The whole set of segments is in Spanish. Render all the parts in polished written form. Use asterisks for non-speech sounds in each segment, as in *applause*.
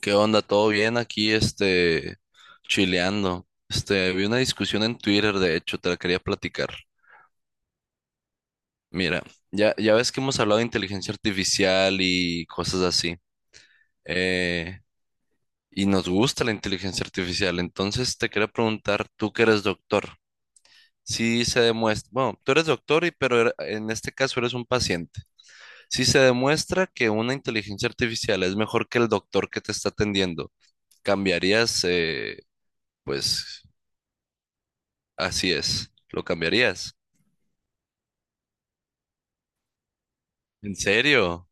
¿Qué onda? ¿Todo bien aquí, chileando? Vi una discusión en Twitter, de hecho, te la quería platicar. Mira, ya ves que hemos hablado de inteligencia artificial y cosas así. eh, y nos gusta la inteligencia artificial. Entonces, te quería preguntar, tú que eres doctor, si se demuestra, bueno, tú eres doctor, pero en este caso eres un paciente. Si se demuestra que una inteligencia artificial es mejor que el doctor que te está atendiendo, ¿cambiarías, pues? Así es. ¿Lo cambiarías? ¿En serio?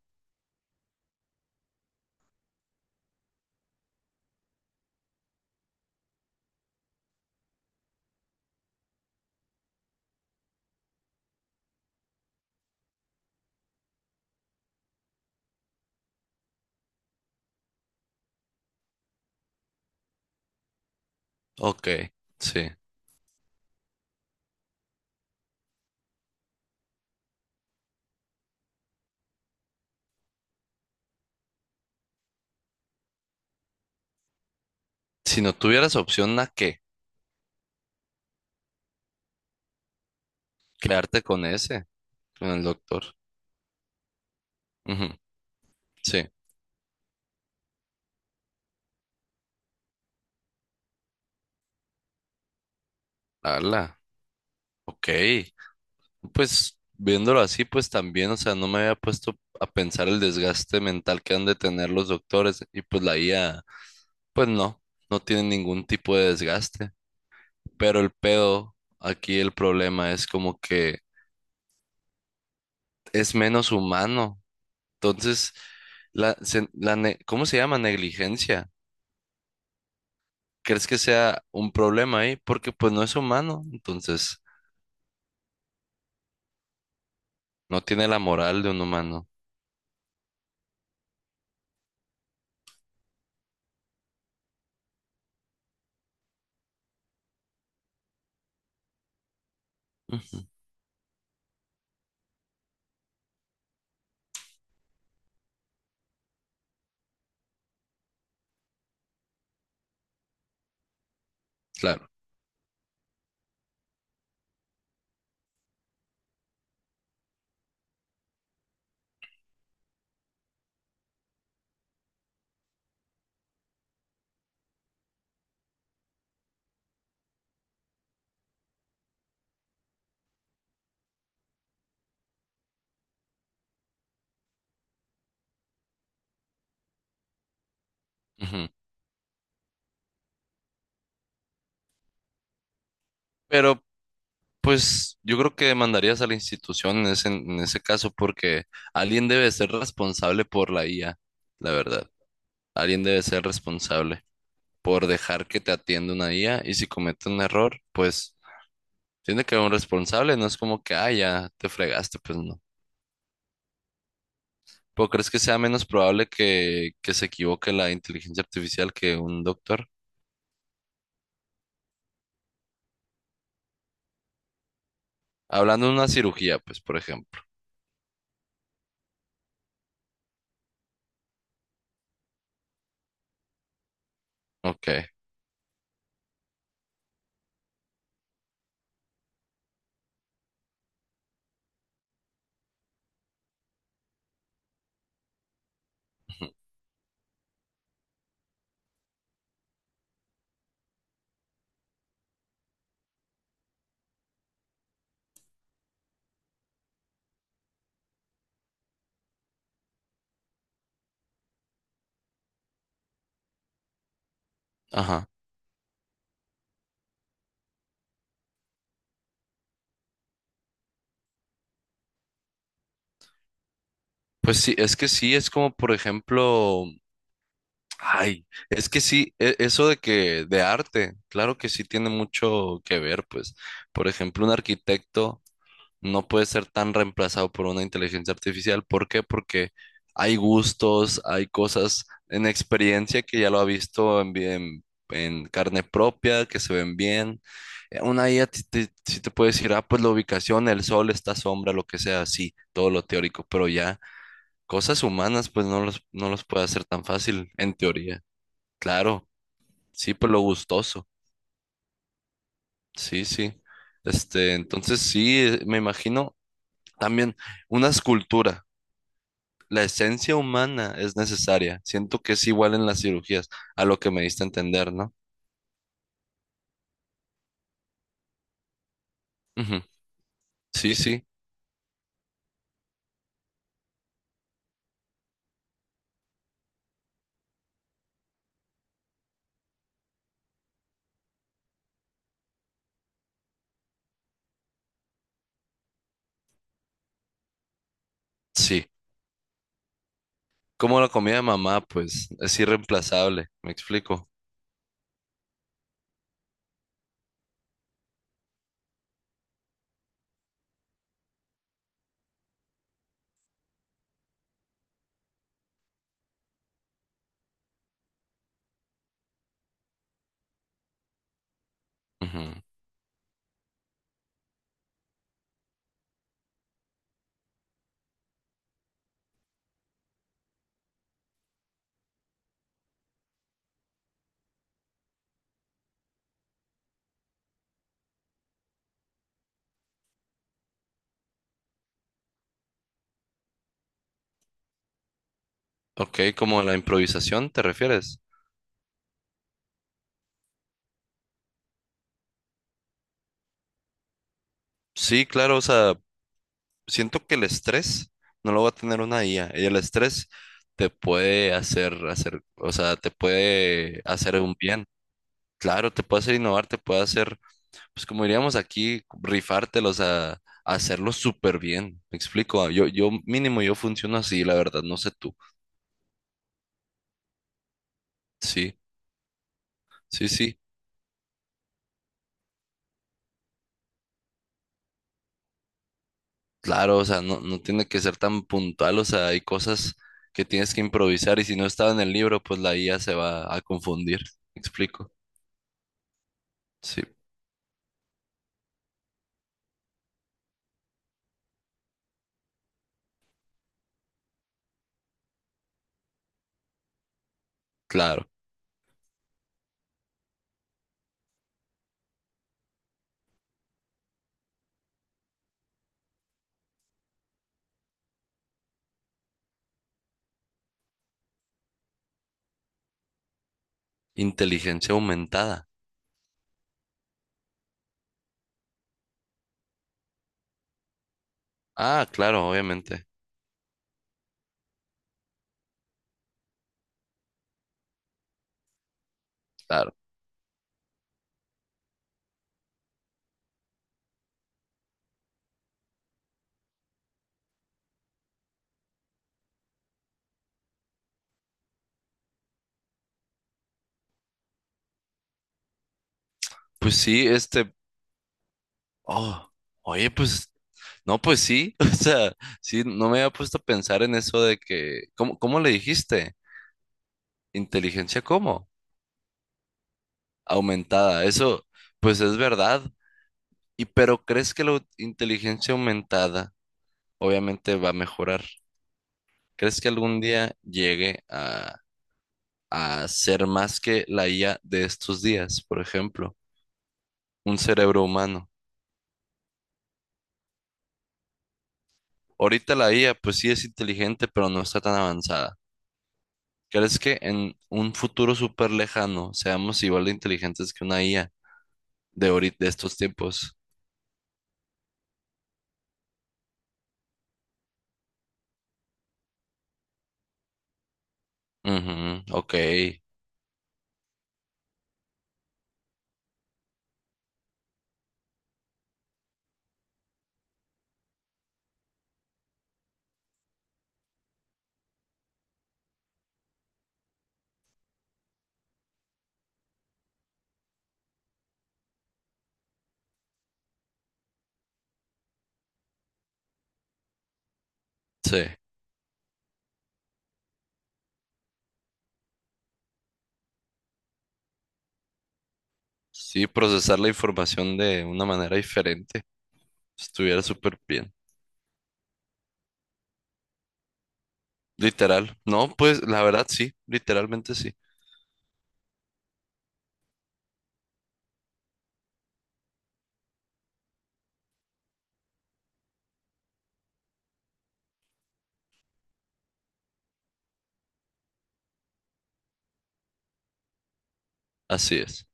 Ok, sí. Si no tuvieras opción, ¿a qué? Quedarte con ese, con el doctor. Ujú. Sí. Ala. Ok. Pues viéndolo así, pues también, o sea, no me había puesto a pensar el desgaste mental que han de tener los doctores, y pues la IA, pues no, no tiene ningún tipo de desgaste. Pero el pedo, aquí el problema es como que es menos humano. Entonces, la, se- la ne- ¿cómo se llama? Negligencia. ¿Crees que sea un problema ahí? Porque pues no es humano, entonces no tiene la moral de un humano. Ujú, claro. Ujú. Pero pues yo creo que demandarías a la institución en ese caso porque alguien debe ser responsable por la IA, la verdad. Alguien debe ser responsable por dejar que te atienda una IA y si comete un error, pues tiene que haber un responsable, no es como que, ah, ya te fregaste, pues no. ¿Pero crees que sea menos probable que se equivoque la inteligencia artificial que un doctor? Hablando de una cirugía, pues, por ejemplo. Ok. Ujú. Ajá. Pues sí, es que sí, es como, por ejemplo, ay, es que sí, eso de que, de arte, claro que sí tiene mucho que ver, pues. Por ejemplo, un arquitecto no puede ser tan reemplazado por una inteligencia artificial. ¿Por qué? Porque hay gustos, hay cosas en experiencia que ya lo ha visto en carne propia, que se ven bien. Una IA sí te puede decir, ah, pues la ubicación, el sol, esta sombra, lo que sea, sí, todo lo teórico, pero ya cosas humanas, pues no los puede hacer tan fácil, en teoría. Claro, sí, pues lo gustoso, sí, sí. Entonces sí, me imagino también una escultura. La esencia humana es necesaria. Siento que es igual en las cirugías, a lo que me diste a entender, ¿no? Ujú. Sí, sí, sí. Como la comida de mamá, pues es irreemplazable, me explico. Ujú. Ok, como la improvisación, ¿te refieres? Sí, claro, o sea, siento que el estrés no lo va a tener una IA. Y el estrés te puede hacer, o sea, te puede hacer un bien. Claro, te puede hacer innovar, te puede hacer pues como diríamos aquí, rifártelos a hacerlo súper bien. Me explico, ah, yo mínimo yo funciono así, la verdad, no sé tú. Sí, sí, sí. Claro, o sea, no, no tiene que ser tan puntual, o sea, hay cosas que tienes que improvisar y si no estaba en el libro, pues la IA se va a confundir. Me explico. Sí, claro. Inteligencia aumentada. Ah, claro, obviamente. Claro. Pues sí, oh, oye, pues, no, pues sí, *laughs* o sea, sí, no me había puesto a pensar en eso de que, ¿cómo le dijiste? ¿Inteligencia cómo? Aumentada, eso, pues es verdad. Y pero ¿crees que la inteligencia aumentada obviamente va a mejorar? ¿Crees que algún día llegue a ser más que la IA de estos días, por ejemplo, un cerebro humano? Ahorita la IA, pues sí es inteligente, pero no está tan avanzada. ¿Crees que en un futuro súper lejano seamos igual de inteligentes que una IA de ahorita, de estos tiempos? Ujú, ok, sí. Sí, procesar la información de una manera diferente. Estuviera súper bien. Literal. No, pues la verdad sí, literalmente sí. Así es.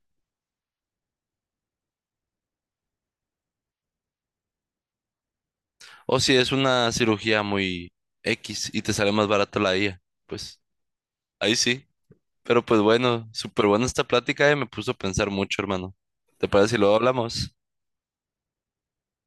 O si es una cirugía muy X y te sale más barato la IA, pues ahí sí. Pero pues bueno, súper buena esta plática y me puso a pensar mucho, hermano. ¿Te parece si luego hablamos?